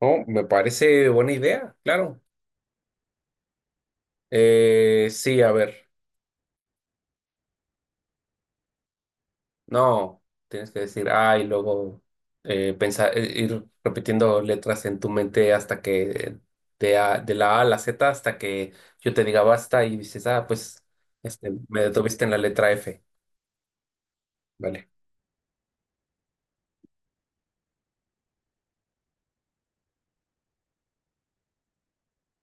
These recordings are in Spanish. Oh, me parece buena idea, claro. Sí, a ver. No, tienes que decir, ay, y luego pensar, ir repitiendo letras en tu mente hasta que de la A a la Z hasta que yo te diga basta y dices, ah, pues me detuviste en la letra F. Vale,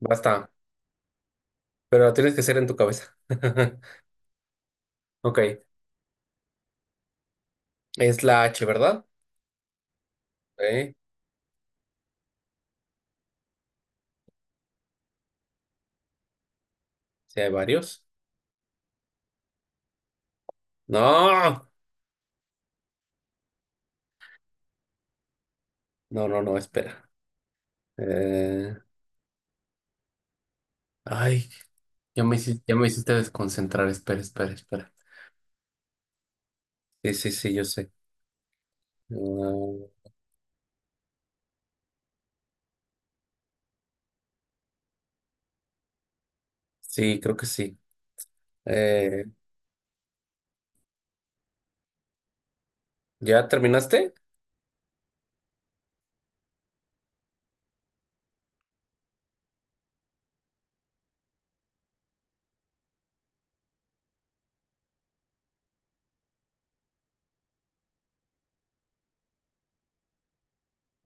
basta. Pero lo tienes que hacer en tu cabeza. Ok, es la H, ¿verdad? Eh, sí, hay varios. No, no, no, no, espera. Eh, Ay. Ya me hiciste desconcentrar. Espera, espera, espera. Sí, sí, sí, yo sé. Mm, sí, creo que sí. Eh, ¿Ya terminaste?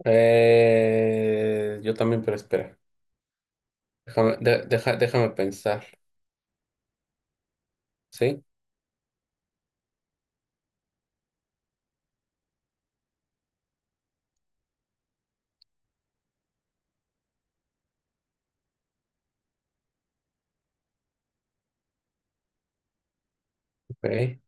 Yo también, pero espera. Déjame pensar. ¿Sí? Ok.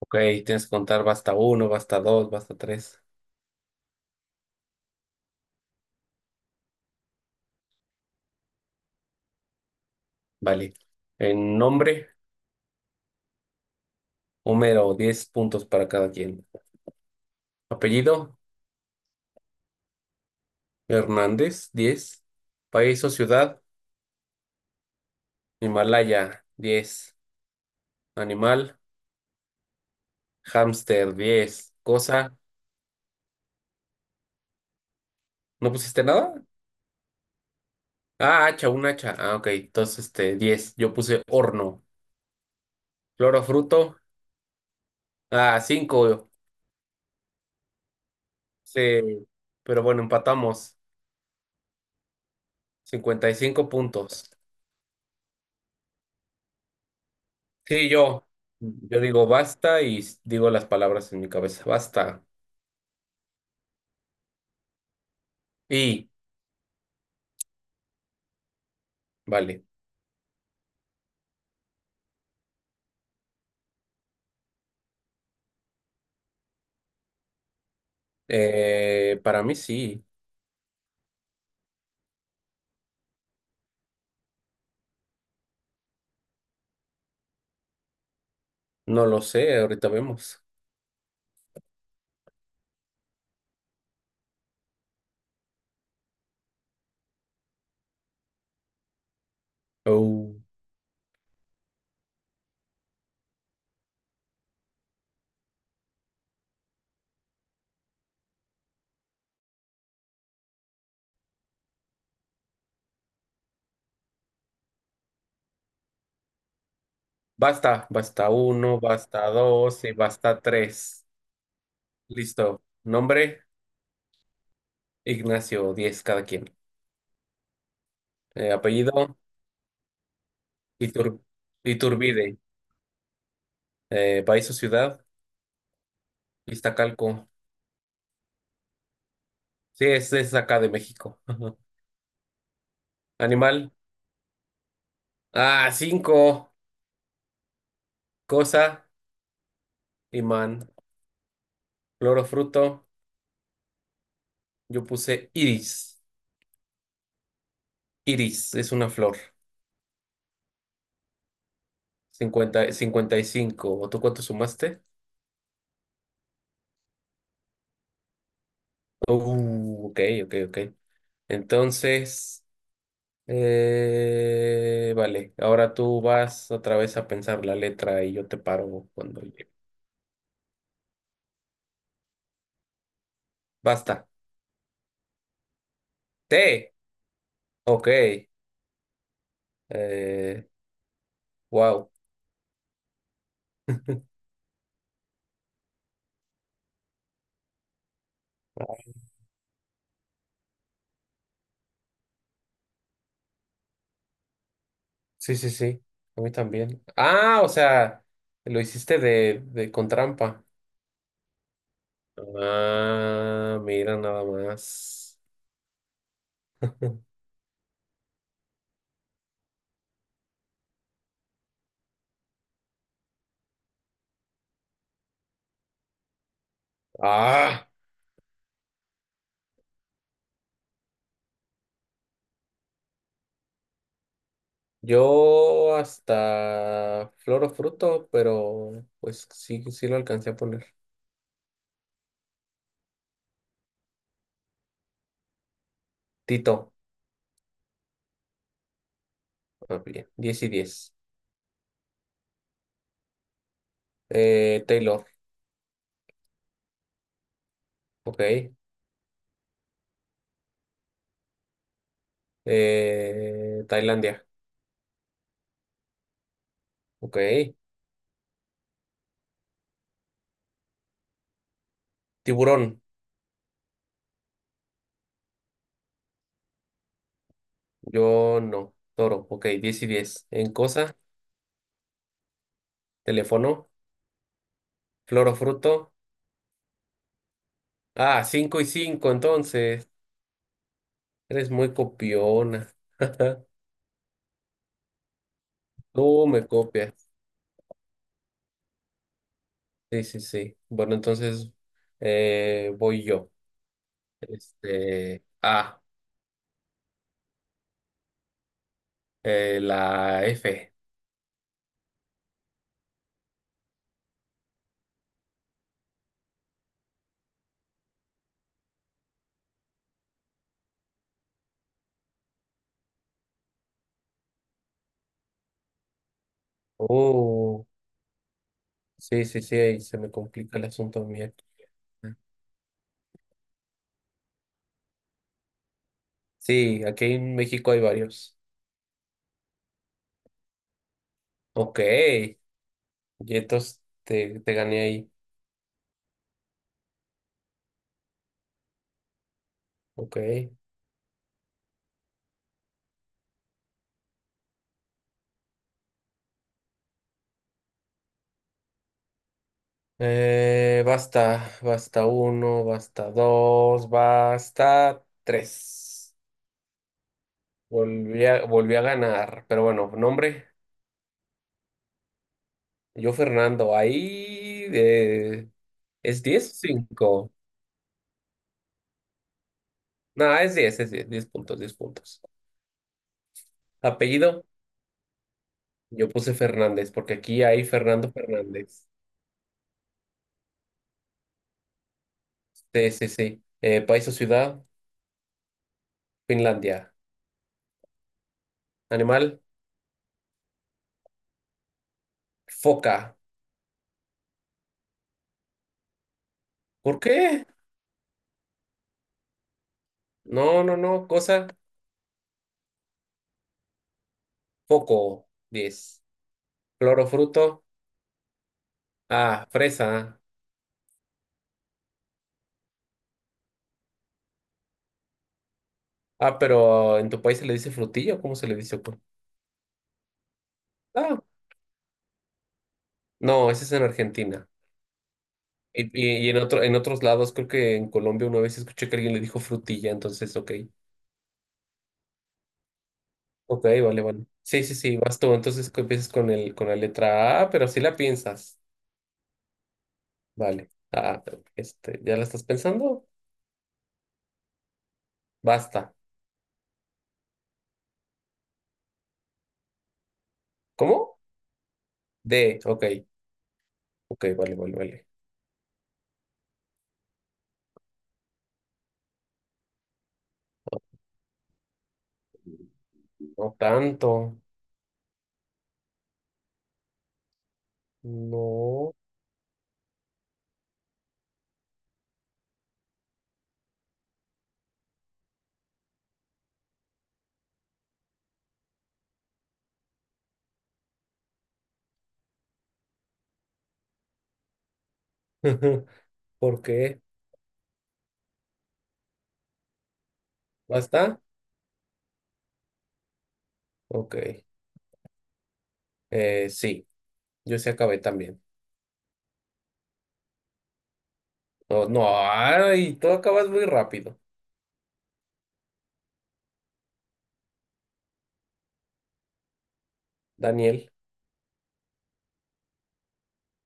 Ok, tienes que contar basta uno, basta dos, basta tres. Vale. En nombre, Homero, 10 puntos para cada quien. Apellido, Hernández, 10. País o ciudad, Himalaya, 10. Animal. Hamster, 10. Cosa. ¿No pusiste nada? Ah, hacha, un hacha. Ah, ok. Entonces, 10. Yo puse horno. Flor o fruto. Ah, 5. Sí. Pero bueno, empatamos. 55 puntos. Sí, yo. Yo digo basta y digo las palabras en mi cabeza. Basta. Y, vale. Para mí sí. No lo sé. Ahorita vemos. Oh. Basta. Basta uno, basta dos y basta tres. Listo. Nombre. Ignacio, 10 cada quien. Apellido, Itur- Iturbide. País o ciudad, Iztacalco. Sí, es acá de México. Ajá. Animal, 5. Cosa, imán. Flor o fruto, yo puse iris. Iris es una flor. 50, 55. ¿Tú cuánto sumaste? Ok, ok, ok. Entonces, vale, ahora tú vas otra vez a pensar la letra y yo te paro cuando llegue. Basta. T. Ok. Eh, wow. Sí, sí, sí. A mí también. Ah, o sea, lo hiciste de con trampa. Ah, mira nada más. Ah, yo hasta flor o fruto, pero pues sí, sí lo alcancé a poner. Tito. Ah, bien. Diez y 10. Taylor. Ok. Tailandia. Ok. Tiburón. Yo no. Toro, ok, 10 y 10. En cosa, teléfono, flor o fruto. Ah, 5 y 5 entonces. Eres muy copiona. Tú me copias. Sí, sí, sí. Bueno, entonces voy yo. Este, ah, la F. Oh, sí, sí, sí, ahí se me complica el asunto a mí aquí. Sí, aquí en México hay varios. Ok, y entonces te gané ahí. Ok. Basta, basta uno, basta dos, basta tres. Volví a ganar, pero bueno, nombre, yo Fernando, ahí, es 10 o 5. No, es 10, es 10, 10 puntos, 10 puntos. Apellido, yo puse Fernández, porque aquí hay Fernando Fernández. Sí, sí, sí. País o ciudad, Finlandia. Animal, foca. ¿Por qué? No, no, no, cosa, foco, 10. Clorofruto. Ah, fresa. Ah, pero en tu país se le dice frutillo, ¿cómo se le dice? Pues? Ah, no, ese es en Argentina. Y en otros lados, creo que en Colombia una vez escuché que alguien le dijo frutilla, entonces, ok. Ok, vale, vale. Sí, sí, sí, vas tú. Entonces empiezas con la letra A. Ah, pero sí la piensas. Vale. Ah, ¿ya la estás pensando? Basta. ¿Cómo? D, ok. Ok, vale, vale, vale. No tanto. No. ¿Por qué? ¿Basta? Ok. Sí, yo sí acabé también. No, no, ay, tú acabas muy rápido. Daniel.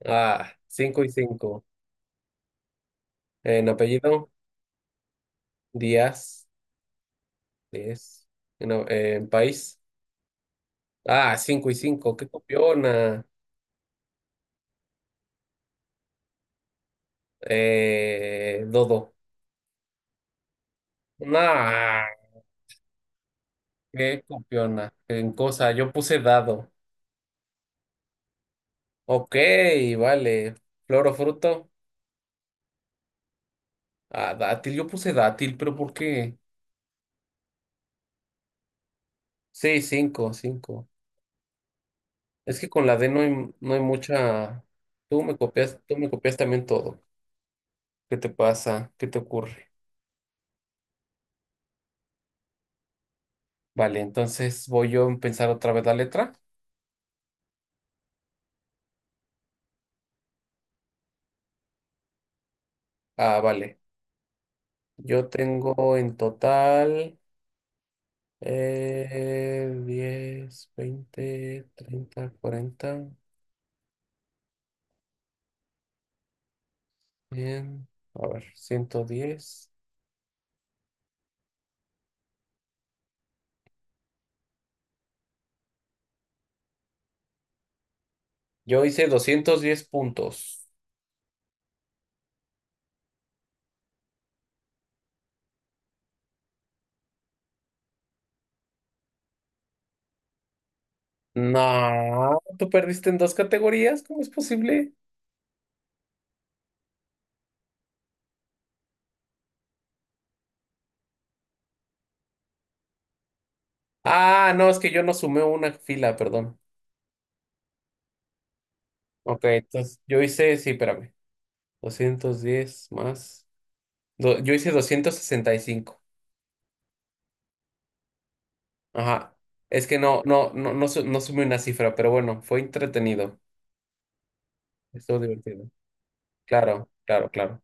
Ah, 5 y 5. En apellido, Díaz. Díaz. En país. Ah, 5 y 5. Qué copiona. Dodo. Nah, qué copiona. En cosa, yo puse dado. Ok, vale. Flor o fruto. Ah, dátil, yo puse dátil, pero ¿por qué? Sí, 5, 5. Es que con la D no hay mucha. Tú me copias también todo. ¿Qué te pasa? ¿Qué te ocurre? Vale, entonces voy yo a pensar otra vez la letra. Ah, vale. Yo tengo en total 10, 20, 30, 40, 100. A ver, 110. Yo hice 210 puntos. No, tú perdiste en dos categorías. ¿Cómo es posible? Ah, no, es que yo no sumé una fila, perdón. Ok, entonces yo hice, sí, espérame, 210 más. Yo hice 265. Ajá. Es que no, no, no, no, no sumé una cifra, pero bueno, fue entretenido. Estuvo divertido. Claro, claro, claro.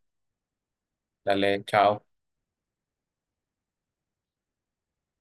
Dale, chao.